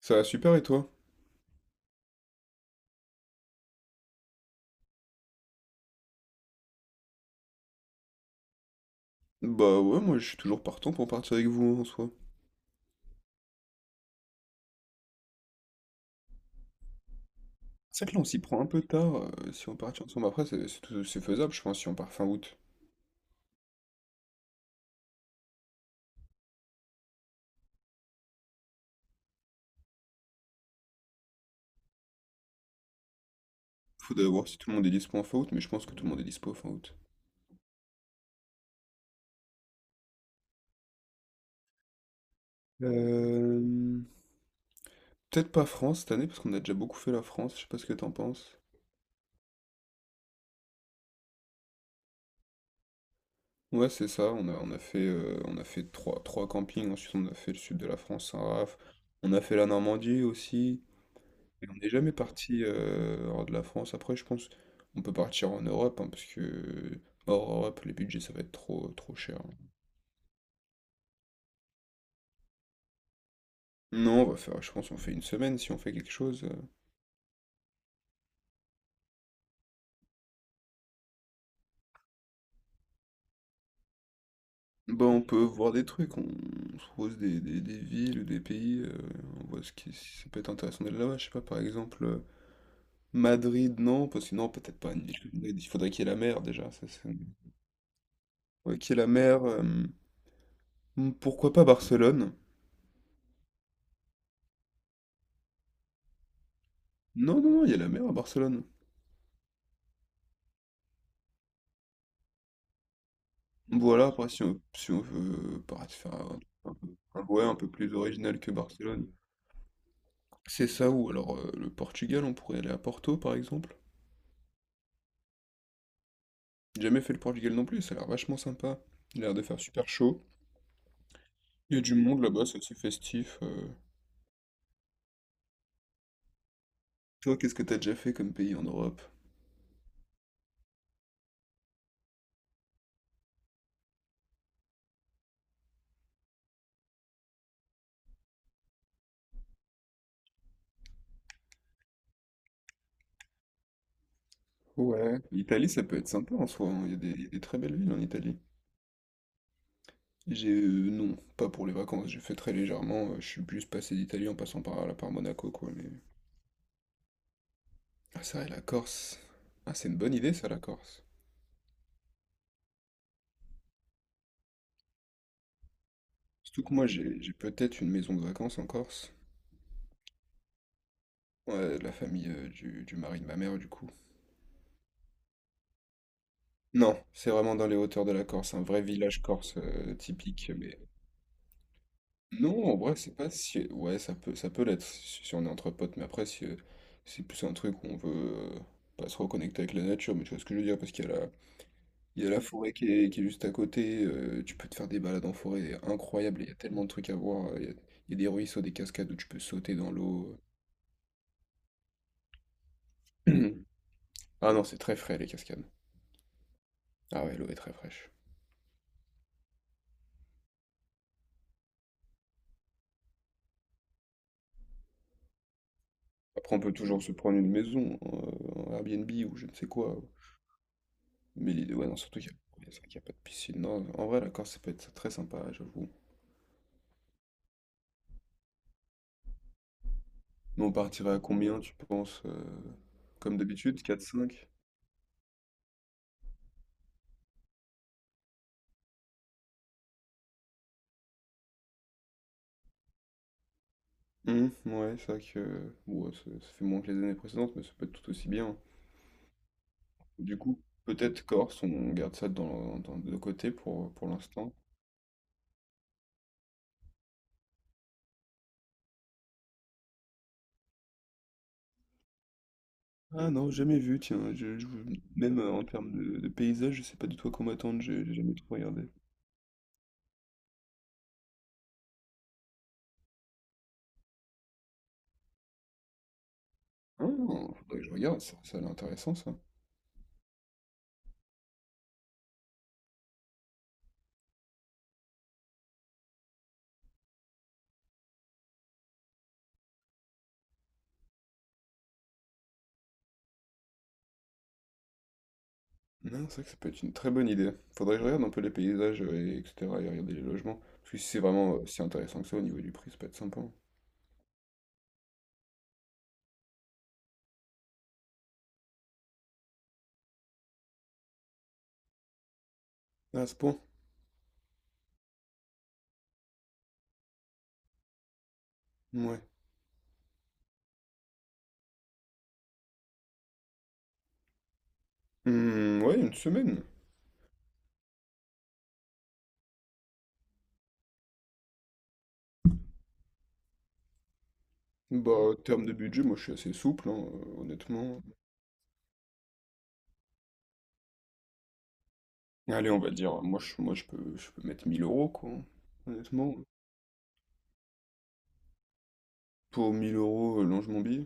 Ça va super et toi? Ouais, moi je suis toujours partant pour partir avec vous hein, en soi. C'est vrai que là on s'y prend un peu tard, si on partit ensemble. Après c'est faisable je pense si on part fin août. Faudrait voir si tout le monde est dispo en fin août, mais je pense que tout le monde est dispo fin août. Euh... Peut-être pas France cette année parce qu'on a déjà beaucoup fait la France, je sais pas ce que t'en penses. Ouais c'est ça, on a fait trois campings, ensuite on a fait le sud de la France, Saint-Raph. On a fait la Normandie aussi. Et on n'est jamais parti hors de la France. Après, je pense on peut partir en Europe, hein, parce que hors Europe, les budgets, ça va être trop, trop cher, hein. Non, on va faire, je pense, on fait une semaine si on fait quelque chose, on peut voir des trucs, on se pose des villes ou des pays, on voit ce qui, si ça peut être intéressant d'aller là-bas. Je sais pas, par exemple, Madrid, non, parce que non, peut-être pas une ville comme Madrid. Il faudrait qu'il y ait la mer déjà. Faudrait qu'il y ait la mer. Pourquoi pas Barcelone? Non, non, non, il y a la mer à Barcelone. Voilà, après, si on veut paraître faire un peu, ouais, un peu plus original que Barcelone. C'est ça ou alors, le Portugal, on pourrait aller à Porto par exemple. J'ai jamais fait le Portugal non plus, ça a l'air vachement sympa. Il a l'air de faire super chaud. Il y a du monde là-bas, c'est assez festif. Toi, qu'est-ce que t'as déjà fait comme pays en Europe? Ouais. L'Italie, ça peut être sympa en soi, hein. Il y a des très belles villes en Italie. Non, pas pour les vacances, j'ai fait très légèrement, je suis plus passé d'Italie en passant par, là par Monaco, quoi, mais... Ah, c'est vrai, la Corse. Ah, c'est une bonne idée, ça, la Corse. Surtout que moi, j'ai peut-être une maison de vacances en Corse. Ouais, la famille du mari de ma mère, du coup. Non, c'est vraiment dans les hauteurs de la Corse, un vrai village corse, typique. Mais non, en vrai, c'est pas si. Ouais, ça peut l'être si on est entre potes, mais après, si, c'est plus un truc où on veut, euh, pas se reconnecter avec la nature. Mais tu vois ce que je veux dire, parce qu'il y a la, il y a la forêt qui est juste à côté, tu peux te faire des balades en forêt incroyables, il y a tellement de trucs à voir, il y a des ruisseaux, des cascades où tu peux sauter dans l'eau. Ah non, c'est très frais les cascades. Ah ouais, l'eau est très fraîche. Après, on peut toujours se prendre une maison, un Airbnb ou je ne sais quoi. Mais l'idée, ouais, non, surtout c'est vrai qu'il y a pas de piscine. Non, en vrai, la Corse, ça peut être très sympa, j'avoue. Nous, on partirait à combien, tu penses, comme d'habitude, quatre cinq. Ouais, c'est vrai que ouais, ça fait moins que les années précédentes, mais ça peut être tout aussi bien. Du coup, peut-être Corse, on garde ça de côté pour l'instant. Ah, non, jamais vu, tiens. Même, en termes de paysage, je sais pas du tout à quoi m'attendre, j'ai jamais trop regardé. Ah, faudrait que je regarde, ça a l'air intéressant ça. Non, c'est vrai que ça peut être une très bonne idée. Faudrait que je regarde un peu les paysages, et, etc., et regarder les logements. Parce que si c'est vraiment, si intéressant que ça au niveau du prix, ça peut être sympa, hein. Ah, à ce point? Ouais. Hmm, ouais, une semaine. Bah, en termes de budget, moi je suis assez souple, hein, honnêtement. Allez, on va dire, moi, je peux mettre 1000 euros, quoi, hein. Honnêtement, pour 1000 euros, longe mon billet.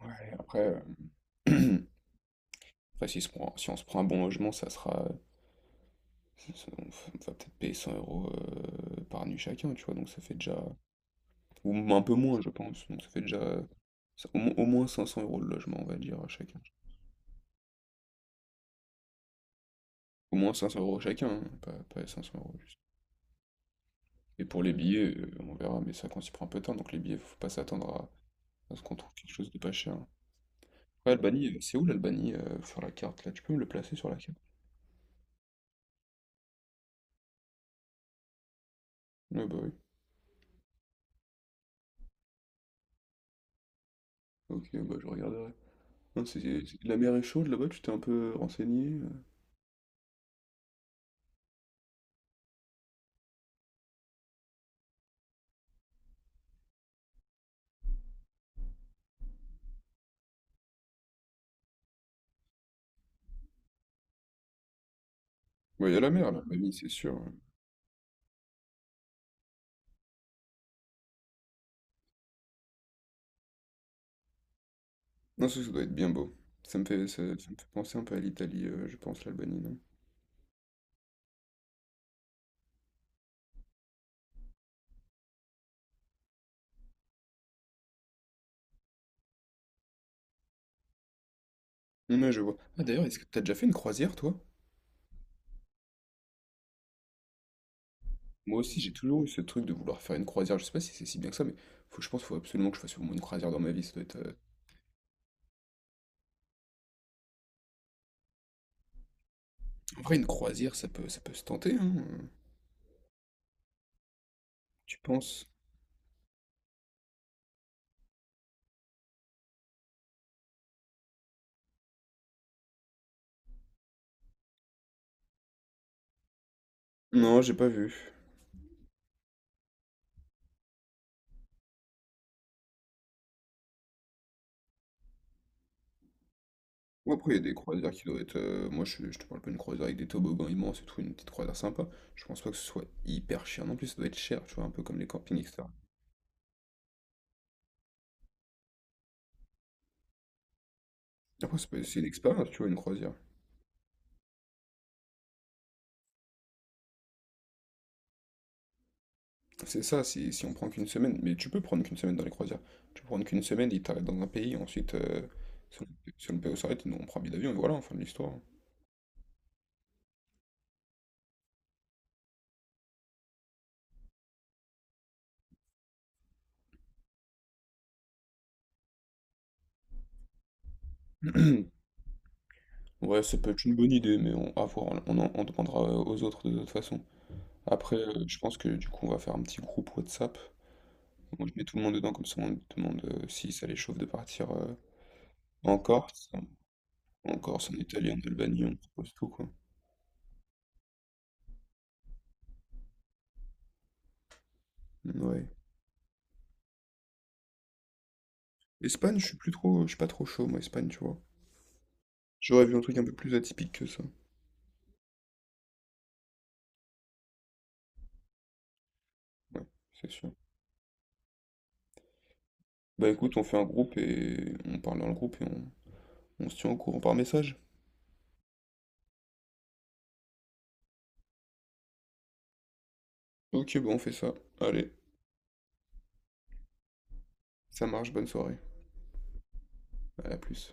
Ouais, après, euh, après, si on se prend un bon logement, ça sera. On on va peut-être payer 100 euros, par nuit chacun, tu vois, donc ça fait déjà. Ou un peu moins, je pense. Donc ça fait déjà. Au moins 500 euros le logement, on va dire, à chacun. Au moins 500 euros chacun, hein, pas 500 euros juste. Et pour les billets, on verra, mais ça quand il prend un peu de temps, donc les billets, faut pas s'attendre à ce qu'on trouve quelque chose de pas cher. Ouais, Albanie, c'est où l'Albanie, sur la carte là? Tu peux me le placer sur la carte? Ouais, bah oui. Ok, bah je regarderai. Non, la mer est chaude là-bas, tu t'es un peu renseigné, euh? Ouais, il y a la mer, l'Albanie, c'est sûr, ouais. Non, ça doit être bien beau. Ça me fait penser un peu à l'Italie, je pense, l'Albanie, non? Ouais, je vois. Ah, d'ailleurs, est-ce que t'as déjà fait une croisière, toi? Moi aussi, j'ai toujours eu ce truc de vouloir faire une croisière. Je sais pas si c'est si bien que ça, mais faut, je pense qu'il faut absolument que je fasse au moins une croisière dans ma vie. Ça doit être. En vrai, une croisière, ça peut se tenter, hein? Tu penses? Non, j'ai pas vu. Ou après, il y a des croisières qui doivent être, moi, je te parle pas d'une croisière avec des toboggans immenses et tout, une petite croisière sympa. Je pense pas que ce soit hyper cher. Non plus, ça doit être cher, tu vois, un peu comme les campings, etc. Après, c'est pas- c'est une expérience, tu vois, une croisière. C'est ça, si on prend qu'une semaine. Mais tu peux prendre qu'une semaine dans les croisières. Tu peux prendre qu'une semaine, ils t'arrêtent dans un pays, ensuite, si on, si on le paye, on s'arrête, nous, on prend un billet d'avion, et voilà, fin de l'histoire. Ouais, ça peut être une bonne idée, mais on, à voir, on demandera, aux autres de toute façon. Après, je pense que du coup, on va faire un petit groupe WhatsApp. Moi, je mets tout le monde dedans, comme ça on demande, si ça les chauffe de partir, en Corse, en Corse, en Italie, en Albanie, on propose tout quoi. Ouais. Espagne, je suis pas trop chaud moi, Espagne, tu vois. J'aurais vu un truc un peu plus atypique que ça. Ouais, c'est sûr. Bah écoute, on fait un groupe et on parle dans le groupe on se tient au courant par message. Ok, bon, on fait ça. Allez, ça marche, bonne soirée. À la plus.